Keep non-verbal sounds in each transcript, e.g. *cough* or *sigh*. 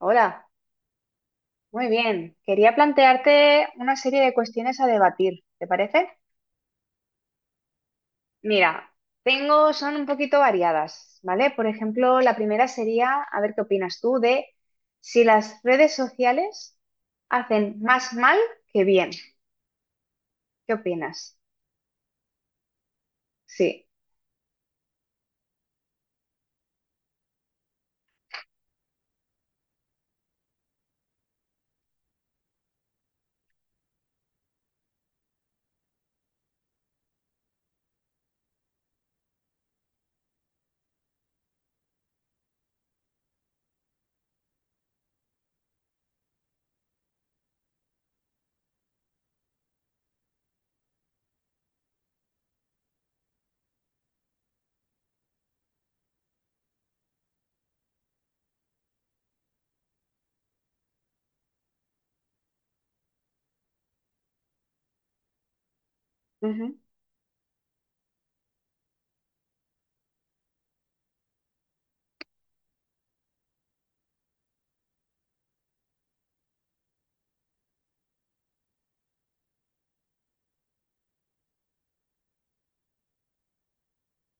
Hola, muy bien. Quería plantearte una serie de cuestiones a debatir, ¿te parece? Mira, son un poquito variadas, ¿vale? Por ejemplo, la primera sería, a ver qué opinas tú de si las redes sociales hacen más mal que bien. ¿Qué opinas? Sí, Ujú.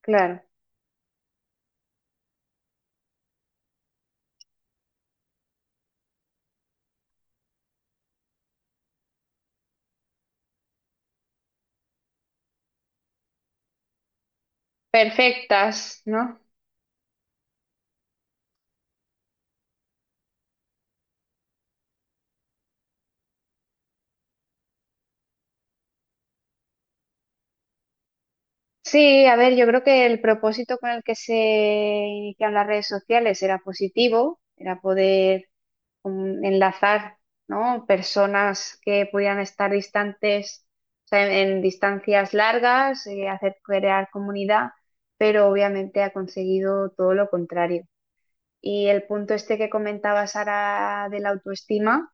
Claro. Perfectas, ¿no? Sí, a ver, yo creo que el propósito con el que se iniciaron las redes sociales era positivo, era poder enlazar, ¿no? Personas que pudieran estar distantes, o sea, en distancias largas, hacer crear comunidad, pero obviamente ha conseguido todo lo contrario. Y el punto este que comentaba Sara de la autoestima,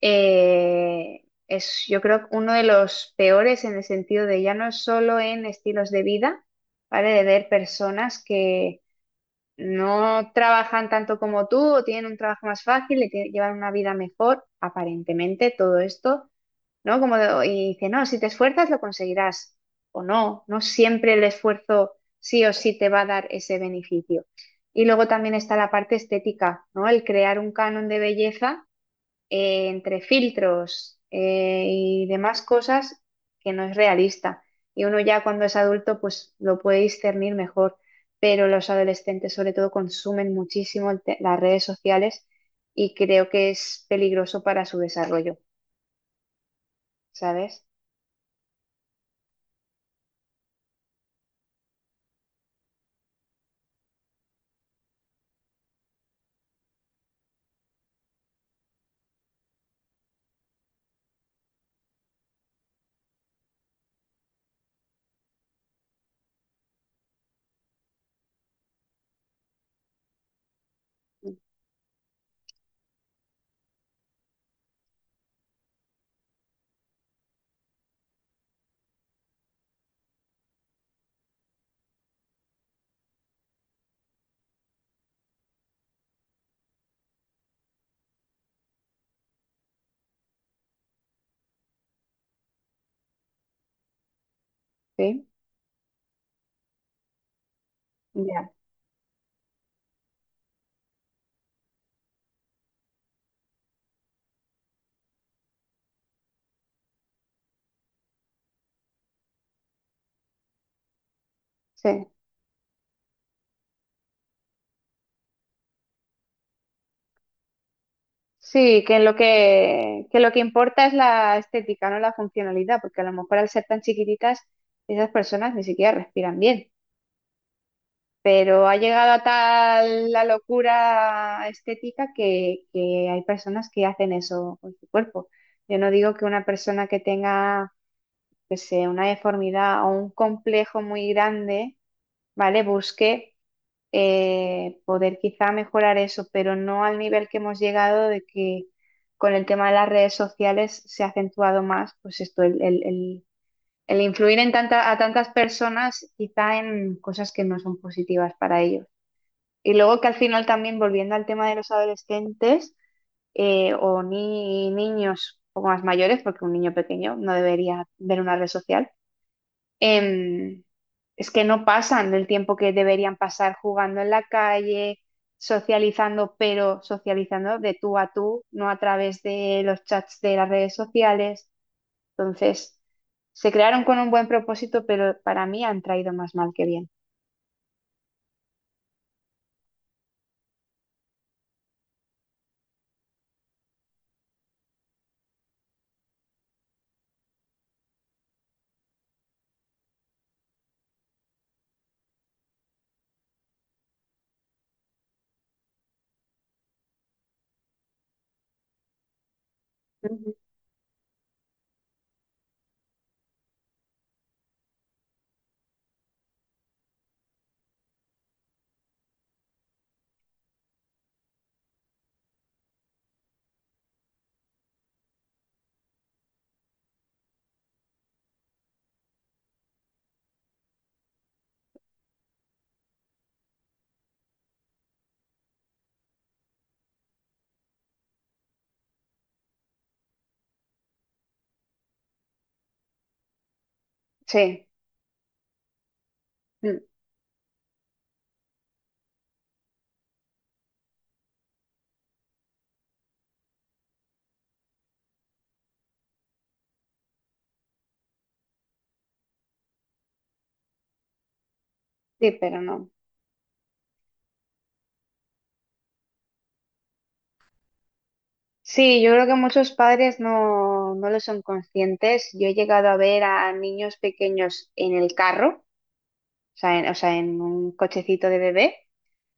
es yo creo uno de los peores en el sentido de ya no es solo en estilos de vida, ¿vale? De ver personas que no trabajan tanto como tú, o tienen un trabajo más fácil, llevan una vida mejor, aparentemente, todo esto, ¿no? Como y dice, no, si te esfuerzas lo conseguirás, o no, no siempre el esfuerzo sí o sí te va a dar ese beneficio. Y luego también está la parte estética, ¿no? El crear un canon de belleza entre filtros y demás cosas que no es realista. Y uno ya cuando es adulto pues lo puede discernir mejor, pero los adolescentes sobre todo consumen muchísimo las redes sociales y creo que es peligroso para su desarrollo, ¿sabes? Sí, ya, sí. Sí, que lo que importa es la estética, no la funcionalidad, porque a lo mejor al ser tan chiquititas, esas personas ni siquiera respiran bien. Pero ha llegado a tal la locura estética que hay personas que hacen eso con su cuerpo. Yo no digo que una persona que tenga, que sé, una deformidad o un complejo muy grande, ¿vale? Busque poder quizá mejorar eso, pero no al nivel que hemos llegado de que con el tema de las redes sociales se ha acentuado más, pues esto, el influir a tantas personas quizá en cosas que no son positivas para ellos. Y luego que al final también, volviendo al tema de los adolescentes o ni niños un poco más mayores, porque un niño pequeño no debería ver una red social, em, es que no pasan el tiempo que deberían pasar jugando en la calle, socializando, pero socializando de tú a tú, no a través de los chats de las redes sociales. Entonces, se crearon con un buen propósito, pero para mí han traído más mal que bien. Ujú. Sí, mm, sí, pero no. Sí, yo creo que muchos padres no, no lo son conscientes. Yo he llegado a ver a niños pequeños en el carro, o sea, en un cochecito de bebé,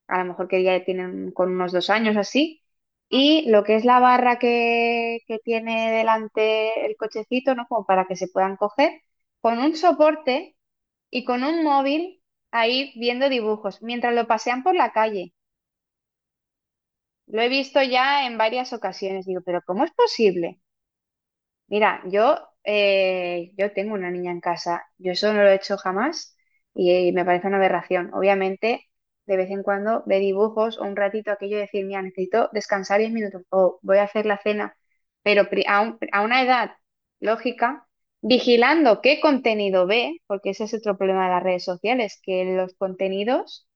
a lo mejor que ya tienen con unos 2 años así, y lo que es la barra que tiene delante el cochecito, ¿no? Como para que se puedan coger, con un soporte y con un móvil ahí viendo dibujos, mientras lo pasean por la calle. Lo he visto ya en varias ocasiones. Digo, pero ¿cómo es posible? Mira, yo, yo tengo una niña en casa. Yo eso no lo he hecho jamás y, me parece una aberración. Obviamente, de vez en cuando ve dibujos o un ratito aquello de decir, mira, necesito descansar 10 minutos o voy a hacer la cena, pero a una edad lógica, vigilando qué contenido ve, porque ese es otro problema de las redes sociales, que los contenidos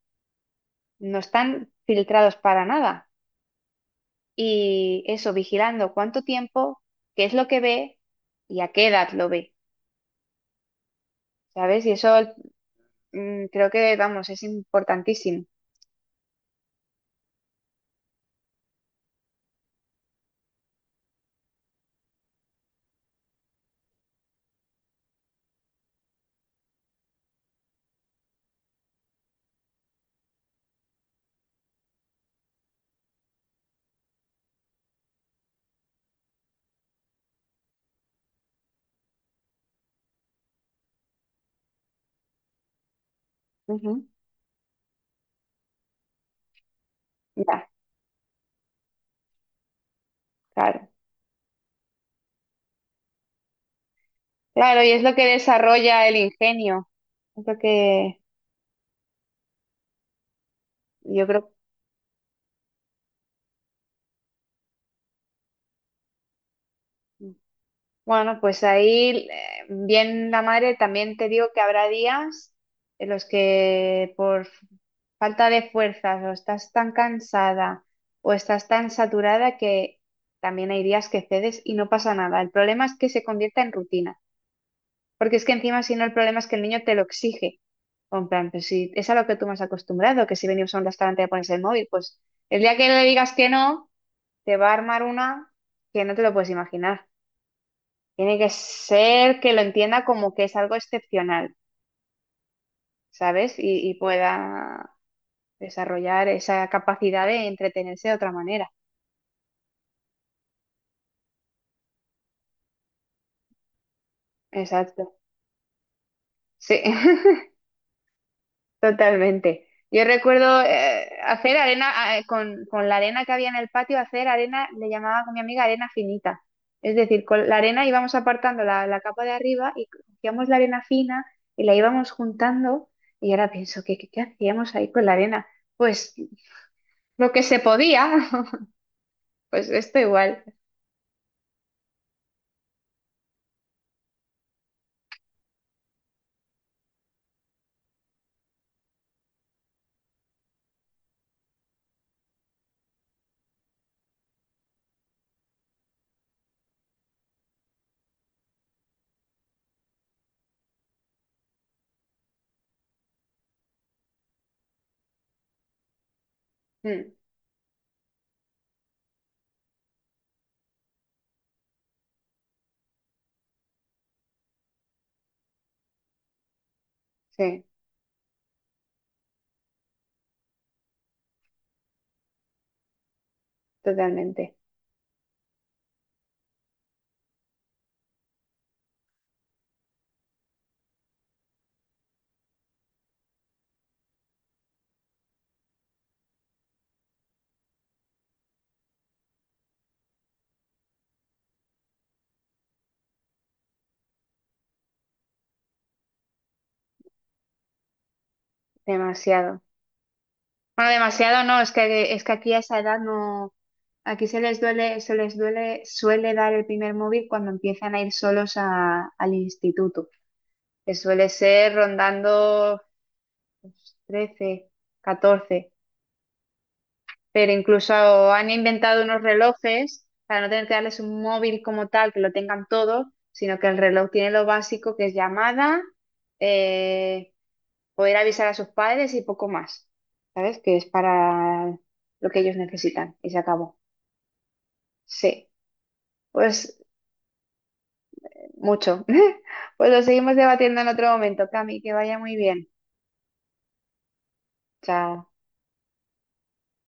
no están filtrados para nada. Y eso, vigilando cuánto tiempo, qué es lo que ve y a qué edad lo ve. ¿Sabes? Y eso creo que, vamos, es importantísimo. Ujú. Ya, claro. Claro, y es lo que desarrolla el ingenio. Es lo que yo creo. mm, Bueno, pues ahí, bien la madre, también te digo que habrá días en los que por falta de fuerzas o estás tan cansada o estás tan saturada que también hay días que cedes y no pasa nada. El problema es que se convierta en rutina. Porque es que encima, si no, el problema es que el niño te lo exige. O en plan, pues si es a lo que tú me has acostumbrado, que si venimos a un restaurante a pones el móvil, pues el día que le digas que no, te va a armar una que no te lo puedes imaginar. Tiene que ser que lo entienda como que es algo excepcional, ¿sabes? Y pueda desarrollar esa capacidad de entretenerse de otra manera. Exacto. Sí. *laughs* Totalmente. Yo recuerdo hacer arena, con la arena que había en el patio, hacer arena, le llamaba con mi amiga arena finita. Es decir, con la arena íbamos apartando la capa de arriba y cogíamos la arena fina y la íbamos juntando. Y ahora pienso, ¿qué hacíamos ahí con la arena? Pues lo que se podía, *laughs* pues esto igual. Mm, sí, totalmente. Demasiado. Bueno, demasiado no, es que, aquí a esa edad no, aquí suele dar el primer móvil cuando empiezan a ir solos al instituto, que suele ser rondando pues, 13, 14, pero incluso han inventado unos relojes para no tener que darles un móvil como tal, que lo tengan todo, sino que el reloj tiene lo básico que es llamada, eh, poder avisar a sus padres y poco más, ¿sabes? Que es para lo que ellos necesitan y se acabó. Sí, pues mucho. *laughs* Pues lo seguimos debatiendo en otro momento, Cami, que vaya muy bien. Chao.